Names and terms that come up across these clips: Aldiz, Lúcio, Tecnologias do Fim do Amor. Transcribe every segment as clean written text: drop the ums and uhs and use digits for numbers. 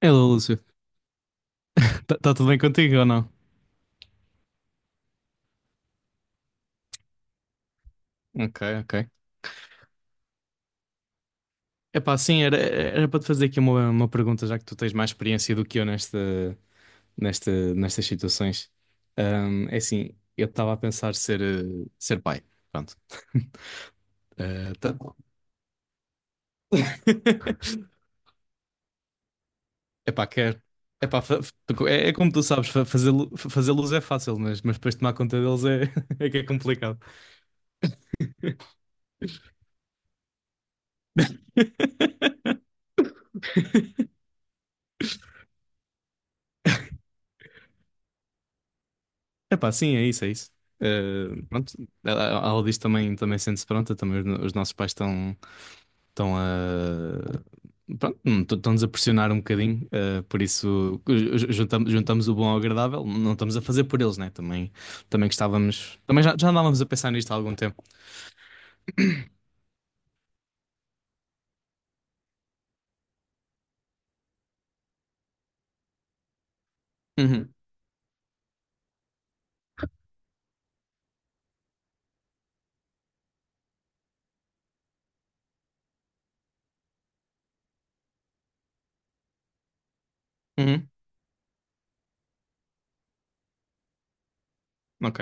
Hello, Lúcio. Está tudo bem contigo ou não? Ok, ok. Epá, sim, era para te fazer aqui uma pergunta, já que tu tens mais experiência do que eu nestas situações. É assim, eu estava a pensar ser pai. Pronto. Eh, tá- Epá, quer. Epá, é como tu sabes, fazer luz é fácil, mas depois tomar conta deles é, é que é complicado. Epá, sim, é isso, é isso. Pronto, a Aldiz também sente-se pronta, também os, os nossos pais estão estão a pronto, estão-nos a pressionar um bocadinho, por isso juntamos o bom ao agradável, não estamos a fazer por eles, né? Também gostávamos, também já andávamos a pensar nisto há algum tempo. Uhum, uhum, ok.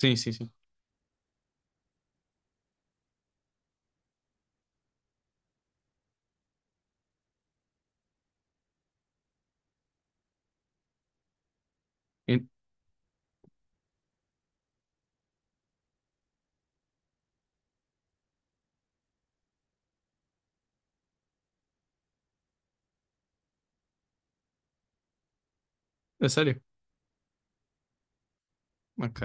Sim, sim, sim. E- a sério? Ok.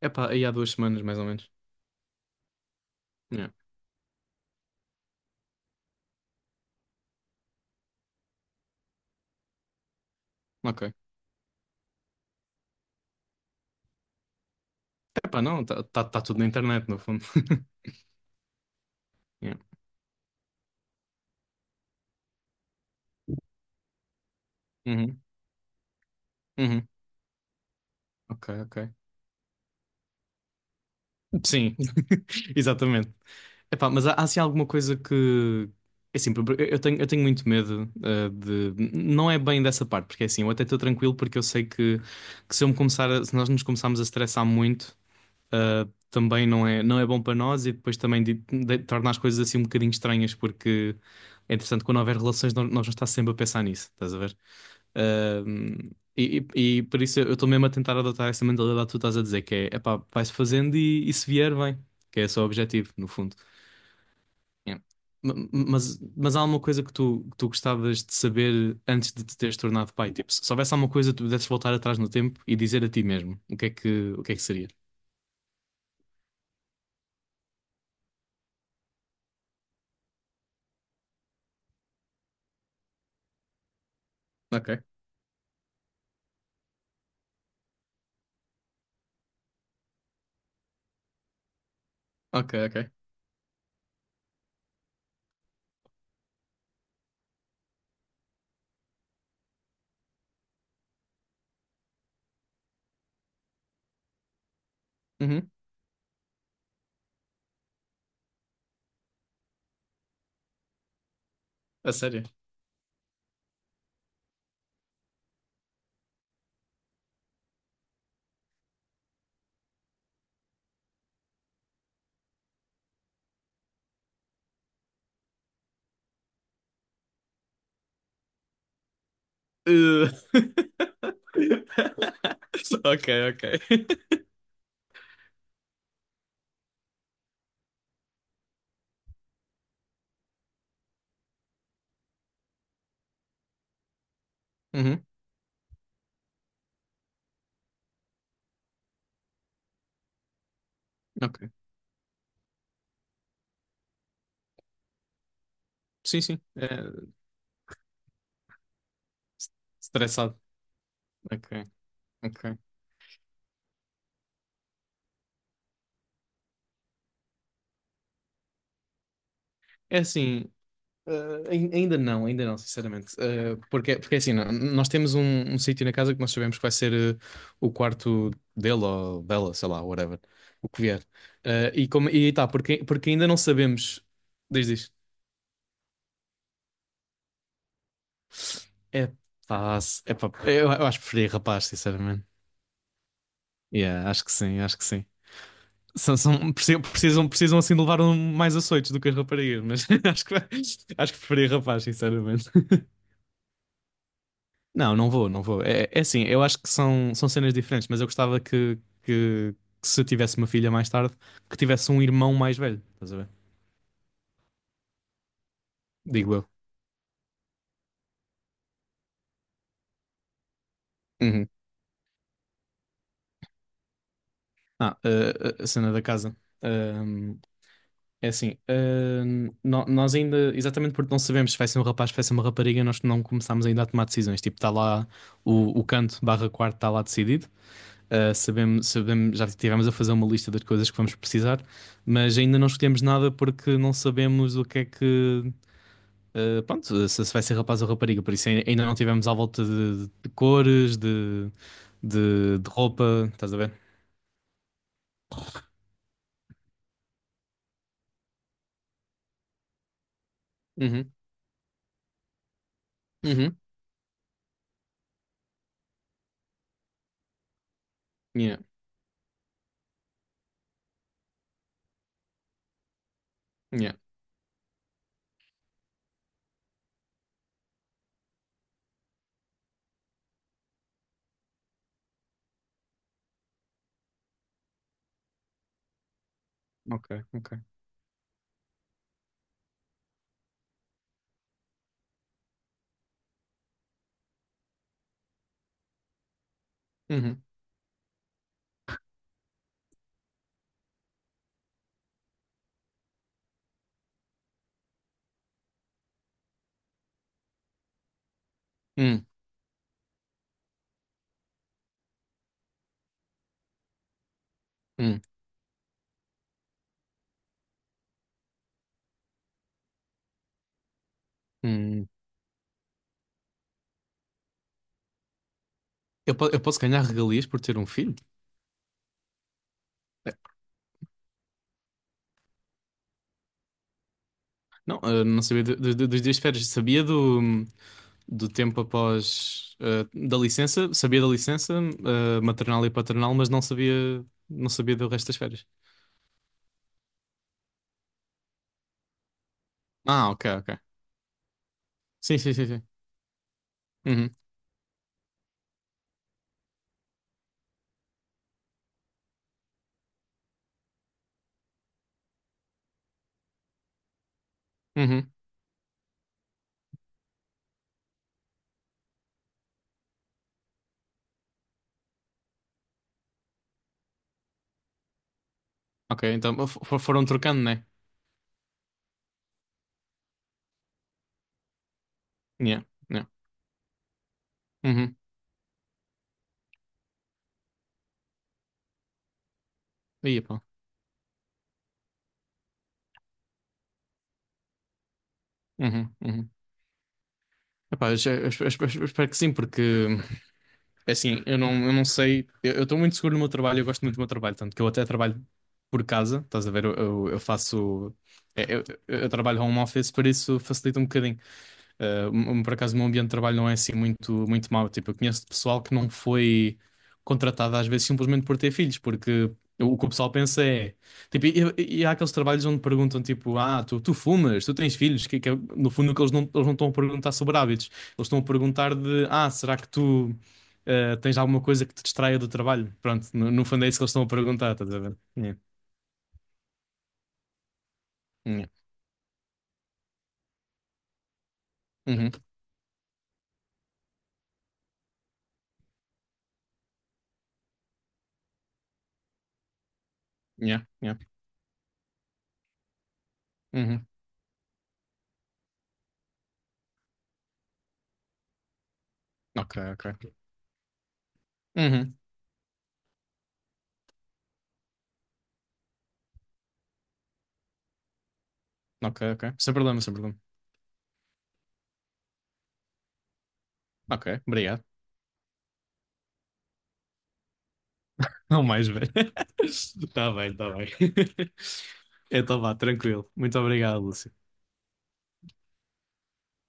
Epá, aí há 2 semanas mais ou menos. Yeah. Ok. Epá, não, tá tudo na internet, no fundo. Yeah. Uhum, uhum. Ok, ok. Sim, exatamente. Epá, mas há assim alguma coisa que. É assim, eu tenho muito medo de. Não é bem dessa parte, porque é assim, eu até estou tranquilo porque eu sei que se eu me começar se nós nos começarmos a estressar muito, também não é bom para nós e depois também torna as coisas assim um bocadinho estranhas, porque é interessante quando houver relações, nós vamos estar sempre a pensar nisso, estás a ver? Um, e por isso eu estou mesmo a tentar adotar essa mentalidade que tu estás a dizer, que é, epá, vai-se fazendo e se vier, vem. Que é esse o objetivo, no fundo. Yeah. Mas há alguma coisa que tu gostavas de saber antes de te teres tornado pai? Tipo, se houvesse alguma coisa que tu pudesses voltar atrás no tempo e dizer a ti mesmo, o que é que seria? Ok, ok, ok. Uhum. A sério? Uh. Ok, ok. Uhum. Ok. Sim, sim. É, estressado. Ok. Ok. É assim, ainda não, sinceramente. Porque é assim, nós temos um sítio na casa que nós sabemos que vai ser o quarto dele ou dela, sei lá, whatever, o que vier. E como, e tá, porque ainda não sabemos. Diz, diz. É pá, é pá, eu acho que preferia rapaz, sinceramente. Yeah, acho que sim, acho que sim. Precisam assim de levar mais açoites do que as raparigas, mas acho que, acho que preferia rapaz, sinceramente. Não, não vou, não vou. É assim, eu acho que são cenas diferentes, mas eu gostava que, que se eu tivesse uma filha mais tarde, que tivesse um irmão mais velho, estás a ver? Digo eu. Uhum. Ah, a cena da casa. Ahm, É assim, nós ainda, exatamente porque não sabemos se vai ser um rapaz, se vai ser uma rapariga, nós não começámos ainda a tomar decisões. Tipo, está lá o, o canto barra quarto, está lá decidido. Ah, sabemos, sabemos, já tivemos a fazer uma lista das coisas que vamos precisar mas ainda não escolhemos nada porque não sabemos o que é que pronto, se vai ser rapaz ou rapariga, por isso ainda não tivemos à volta de cores, de roupa, estás a ver? Uhum, uhum, yeah, yeah, ok, ok. Uhum, hum, hum, hum. Eu posso ganhar regalias por ter um filho? É. Não, não sabia dos dias de férias, sabia do tempo após, da licença, sabia da licença, maternal e paternal, mas não sabia do resto das férias. Ah, ok, ok. Sim, sim, sim, sim. Uhum, uhum. Ok, então foram trocando, né? Yeah, yeah. Uhum. Aí, pá. Uhum, uhum. Epá, eu, já- eu espe- eu espero que sim, porque é assim, eu não sei, eu estou muito seguro no meu trabalho, eu gosto muito do meu trabalho, tanto que eu até trabalho por casa, estás a ver? Eu faço, eu trabalho home office, por isso facilita um bocadinho. Por acaso, o meu ambiente de trabalho não é assim muito, muito mau. Tipo, eu conheço pessoal que não foi contratado às vezes simplesmente por ter filhos, porque o que o pessoal pensa é. Tipo, e há aqueles trabalhos onde perguntam, tipo, ah, tu fumas, tu tens filhos, que é, no fundo, que eles não estão a perguntar sobre hábitos, eles estão a perguntar de, ah, será que tu. Tens alguma coisa que te distraia do trabalho? Pronto, no fundo é isso que eles estão a perguntar, estás a ver? Yeah. Yeah. Uhum. Yeah. Yeah. Uhum. Ok, ok. Uhum. Ok, ok. Sem problema, sem problema. Ok, obrigado. Não mais, velho. Está bem, está bem. Então vá, tranquilo. Muito obrigado, Lúcio.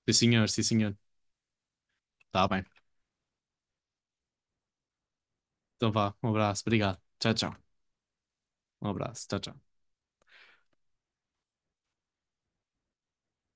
Sim, senhor, sim, senhor. Está bem. Então vá, um abraço, obrigado. Tchau, tchau. Um abraço, tchau, tchau.